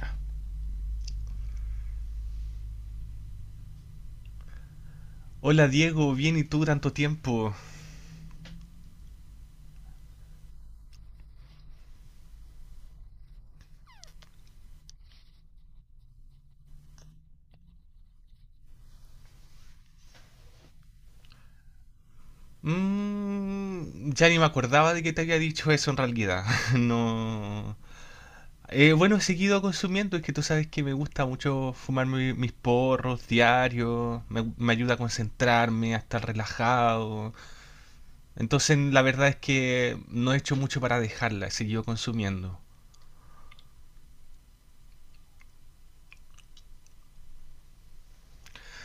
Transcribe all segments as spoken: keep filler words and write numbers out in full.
Ya. Hola Diego, bien y tú tanto tiempo. Mm, ya ni me acordaba de que te había dicho eso en realidad. No. Eh, bueno, he seguido consumiendo, es que tú sabes que me gusta mucho fumar mi- mis porros diarios, me, me ayuda a concentrarme, a estar relajado. Entonces, la verdad es que no he hecho mucho para dejarla, he seguido consumiendo.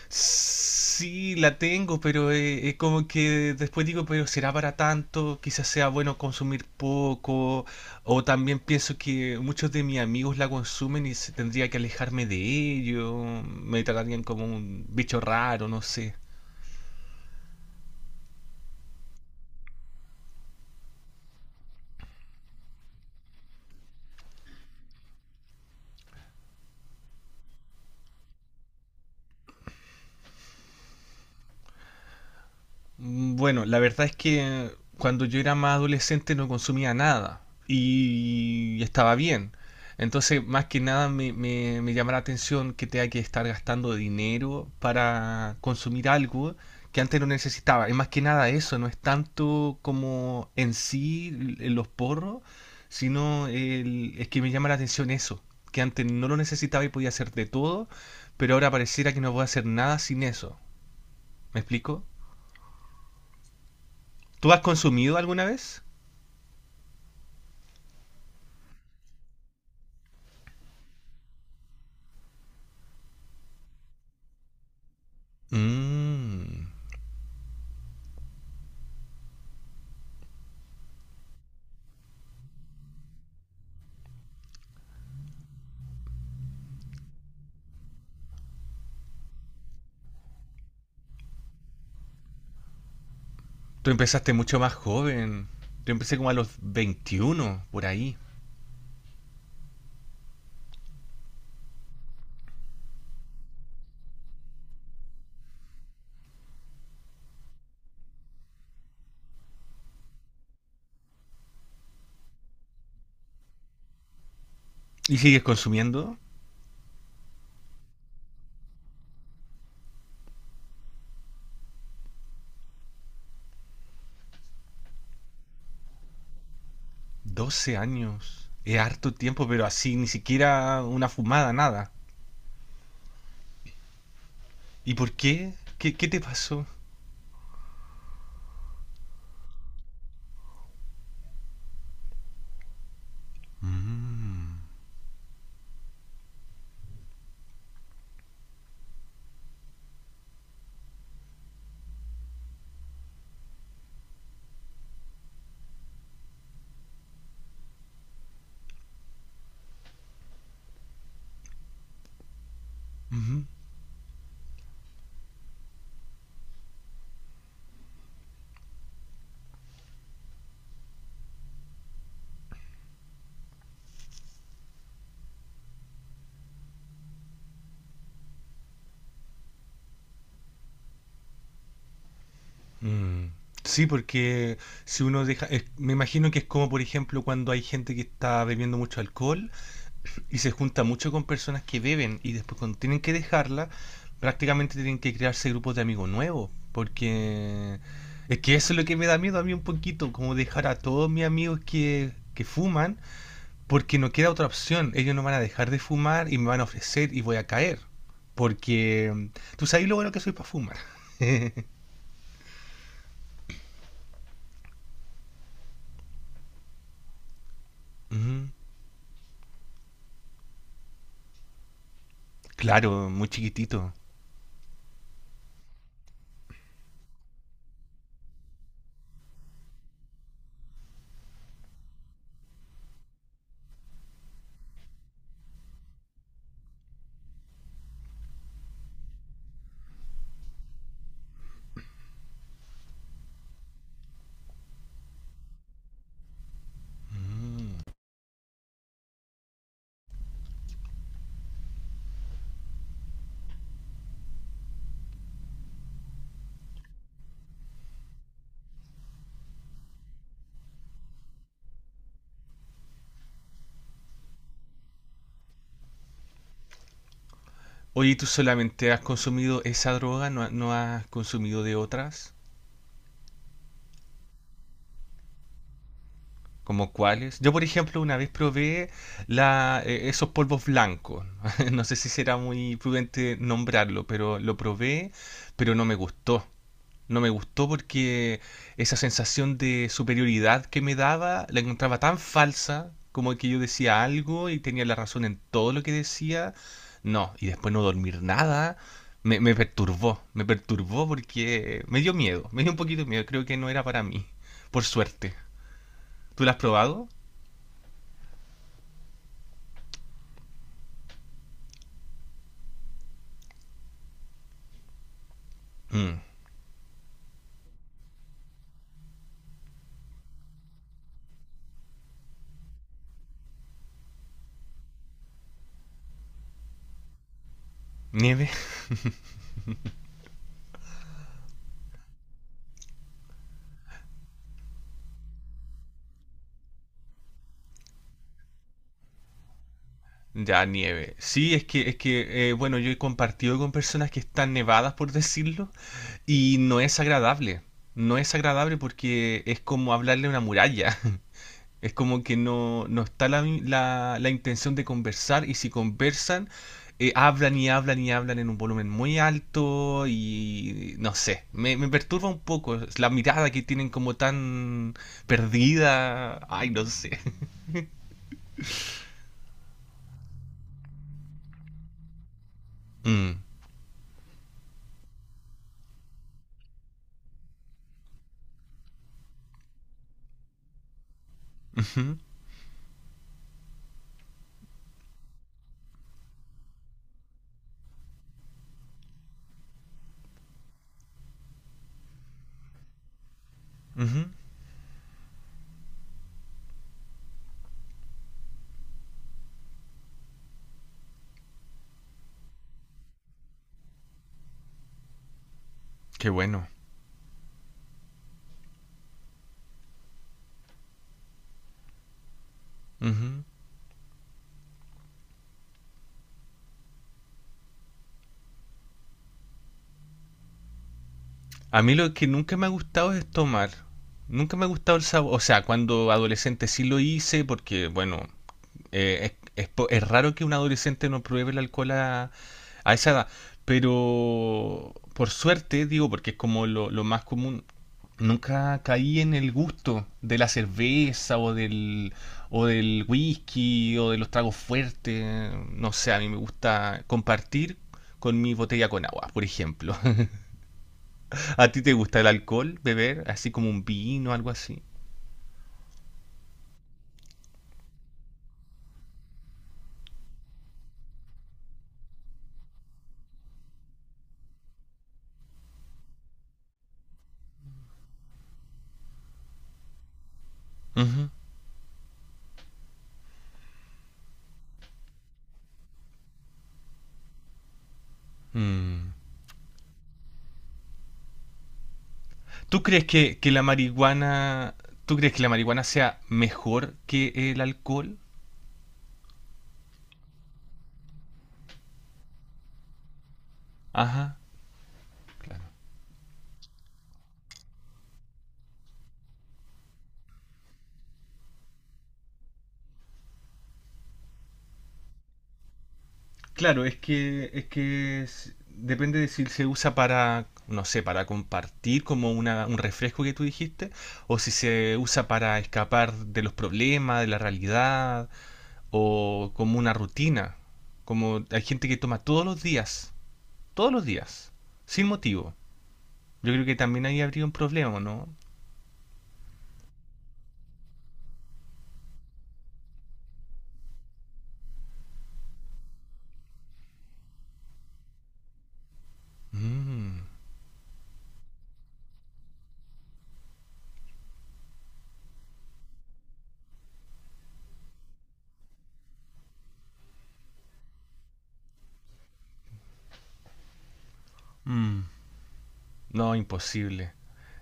Sí, la tengo, pero eh, es como que después digo, pero será para tanto, quizás sea bueno consumir poco, o también pienso que muchos de mis amigos la consumen y se- tendría que alejarme de ello, me tratarían como un bicho raro, no sé. Mm, Bueno, la verdad es que cuando yo era más adolescente no consumía nada y estaba bien. Entonces, más que nada me, me, me llama la atención que tenga que estar gastando dinero para consumir algo que antes no necesitaba. Es más que nada eso, no es tanto como en sí l- los porros, sino el- es que me llama la atención eso, que antes no lo necesitaba y podía hacer de todo, pero ahora pareciera que no puedo hacer nada sin eso. ¿Me explico? ¿Tú has consumido alguna vez? Mm. Tú empezaste mucho más joven. Yo empecé como a los veintiuno, por ahí. ¿Y sigues consumiendo? Doce años. Es harto tiempo, pero así, ni siquiera una fumada, nada. ¿Y por qué? ¿Qué, qué te pasó? Mm. Ujú. Mm. Sí, porque si uno deja... eh, me imagino que es como, por ejemplo, cuando hay gente que está bebiendo mucho alcohol y se junta mucho con personas que beben y después cuando tienen que dejarla, prácticamente tienen que crearse grupos de amigos nuevos, porque es que eso es lo que me da miedo a mí un poquito, como dejar a todos mis amigos que, que fuman, porque no queda otra opción, ellos no van a dejar de fumar y me van a ofrecer y voy a caer, porque tú sabes lo bueno que soy para fumar. Ujú. Claro, muy chiquitito. Ujú. Oye, ¿tú solamente has consumido esa droga? ¿No, no has consumido de otras? ¿Como cuáles? Yo, por ejemplo, una vez probé la, eh, esos polvos blancos. No sé si será muy prudente nombrarlo, pero lo probé, pero no me gustó. No me gustó porque esa sensación de superioridad que me daba la encontraba tan falsa, como que yo decía algo y tenía la razón en todo lo que decía. No, y después no dormir nada. Me, me perturbó, me perturbó porque me dio miedo, me dio un poquito de miedo, creo que no era para mí, por suerte. ¿Tú lo has probado? Mm. ¿Nieve? Ya, nieve. Sí, es que, es que eh, bueno, yo he compartido con personas que están nevadas, por decirlo, y no es agradable. No es agradable porque es como hablarle a una muralla. Es como que no, no está la, la, la intención de conversar y si conversan, eh, hablan y hablan y hablan en un volumen muy alto y no sé, me, me perturba un poco es la mirada que tienen como tan perdida. Ay, no sé. Mm, ujú, ujú. Qué bueno. Ujú. A mí lo que nunca me ha gustado es tomar. Nunca me ha gustado el sabor. O sea, cuando adolescente sí lo hice porque, bueno, eh, es, es po- es raro que un adolescente no pruebe el alcohol a, a esa edad. Pero por suerte, digo, porque es como lo, lo más común, nunca caí en el gusto de la cerveza o del, o del whisky o de los tragos fuertes. No sé, a mí me gusta compartir con mi botella con agua, por ejemplo. ¿A ti te gusta el alcohol, beber? Así como un vino, algo así. Ujú. Mm. ¿Tú crees que, que la marihuana, tú crees que la marihuana sea mejor que el alcohol? Ajá. Claro. Claro, es que, es que es- depende de si se usa para, no sé, para compartir como una, un refresco que tú dijiste, o si se usa para escapar de los problemas, de la realidad, o como una rutina. Como hay gente que toma todos los días. Todos los días, sin motivo. Yo creo que también ahí habría un problema, ¿no? Mm, mm, no, imposible.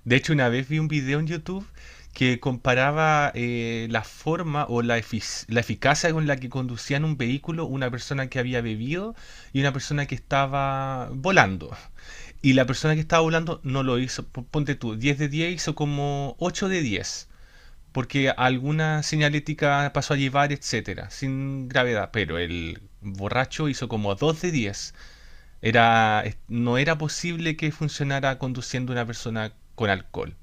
De hecho, una vez vi un video en YouTube que comparaba eh, la forma o la, efic- la eficacia con la que conducían un vehículo una persona que había bebido y una persona que estaba volando. Y la persona que estaba volando no lo hizo, p- ponte tú, diez de diez hizo como ocho de diez, porque alguna señalética pasó a llevar, etcétera, sin gravedad, pero el borracho hizo como dos de diez. Era, no era posible que funcionara conduciendo una persona con alcohol.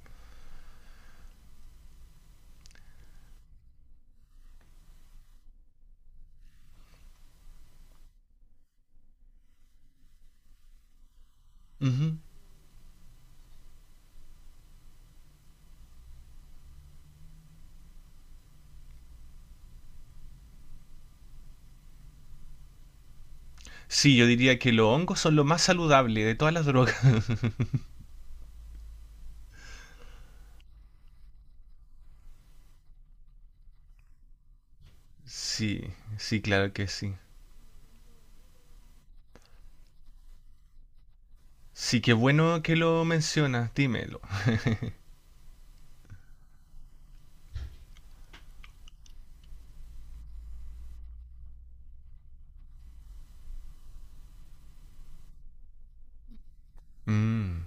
Ujú. Sí, yo diría que los hongos son lo más saludable de todas las drogas. Sí, sí, claro que sí. Sí, qué bueno que lo mencionas, dímelo. Mm,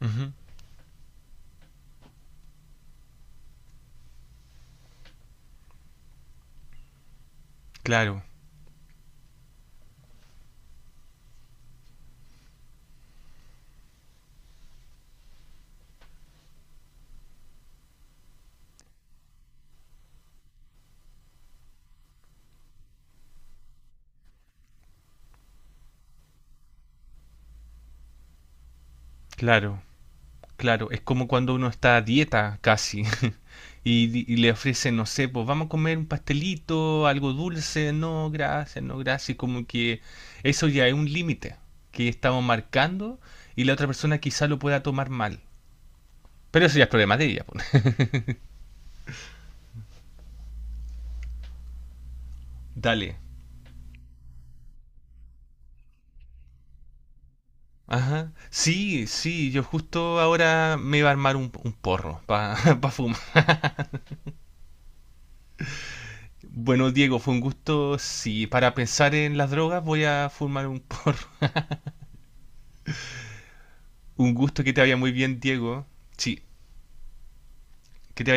ujú. Claro, claro, claro. Es como cuando uno está a dieta, casi. Y, di- y le ofrecen, no sé, pues vamos a comer un pastelito, algo dulce, no, gracias, no, gracias. Y como que eso ya es un límite que estamos marcando y la otra persona quizá lo pueda tomar mal. Pero eso ya es problema de ella, pues. Dale. Ajá. Sí, sí, yo justo ahora me iba a armar un, un porro para fumar. Bueno, Diego, fue un gusto. Sí, para pensar en las drogas voy a fumar un porro. Un gusto que te vaya muy bien, Diego. Sí, que te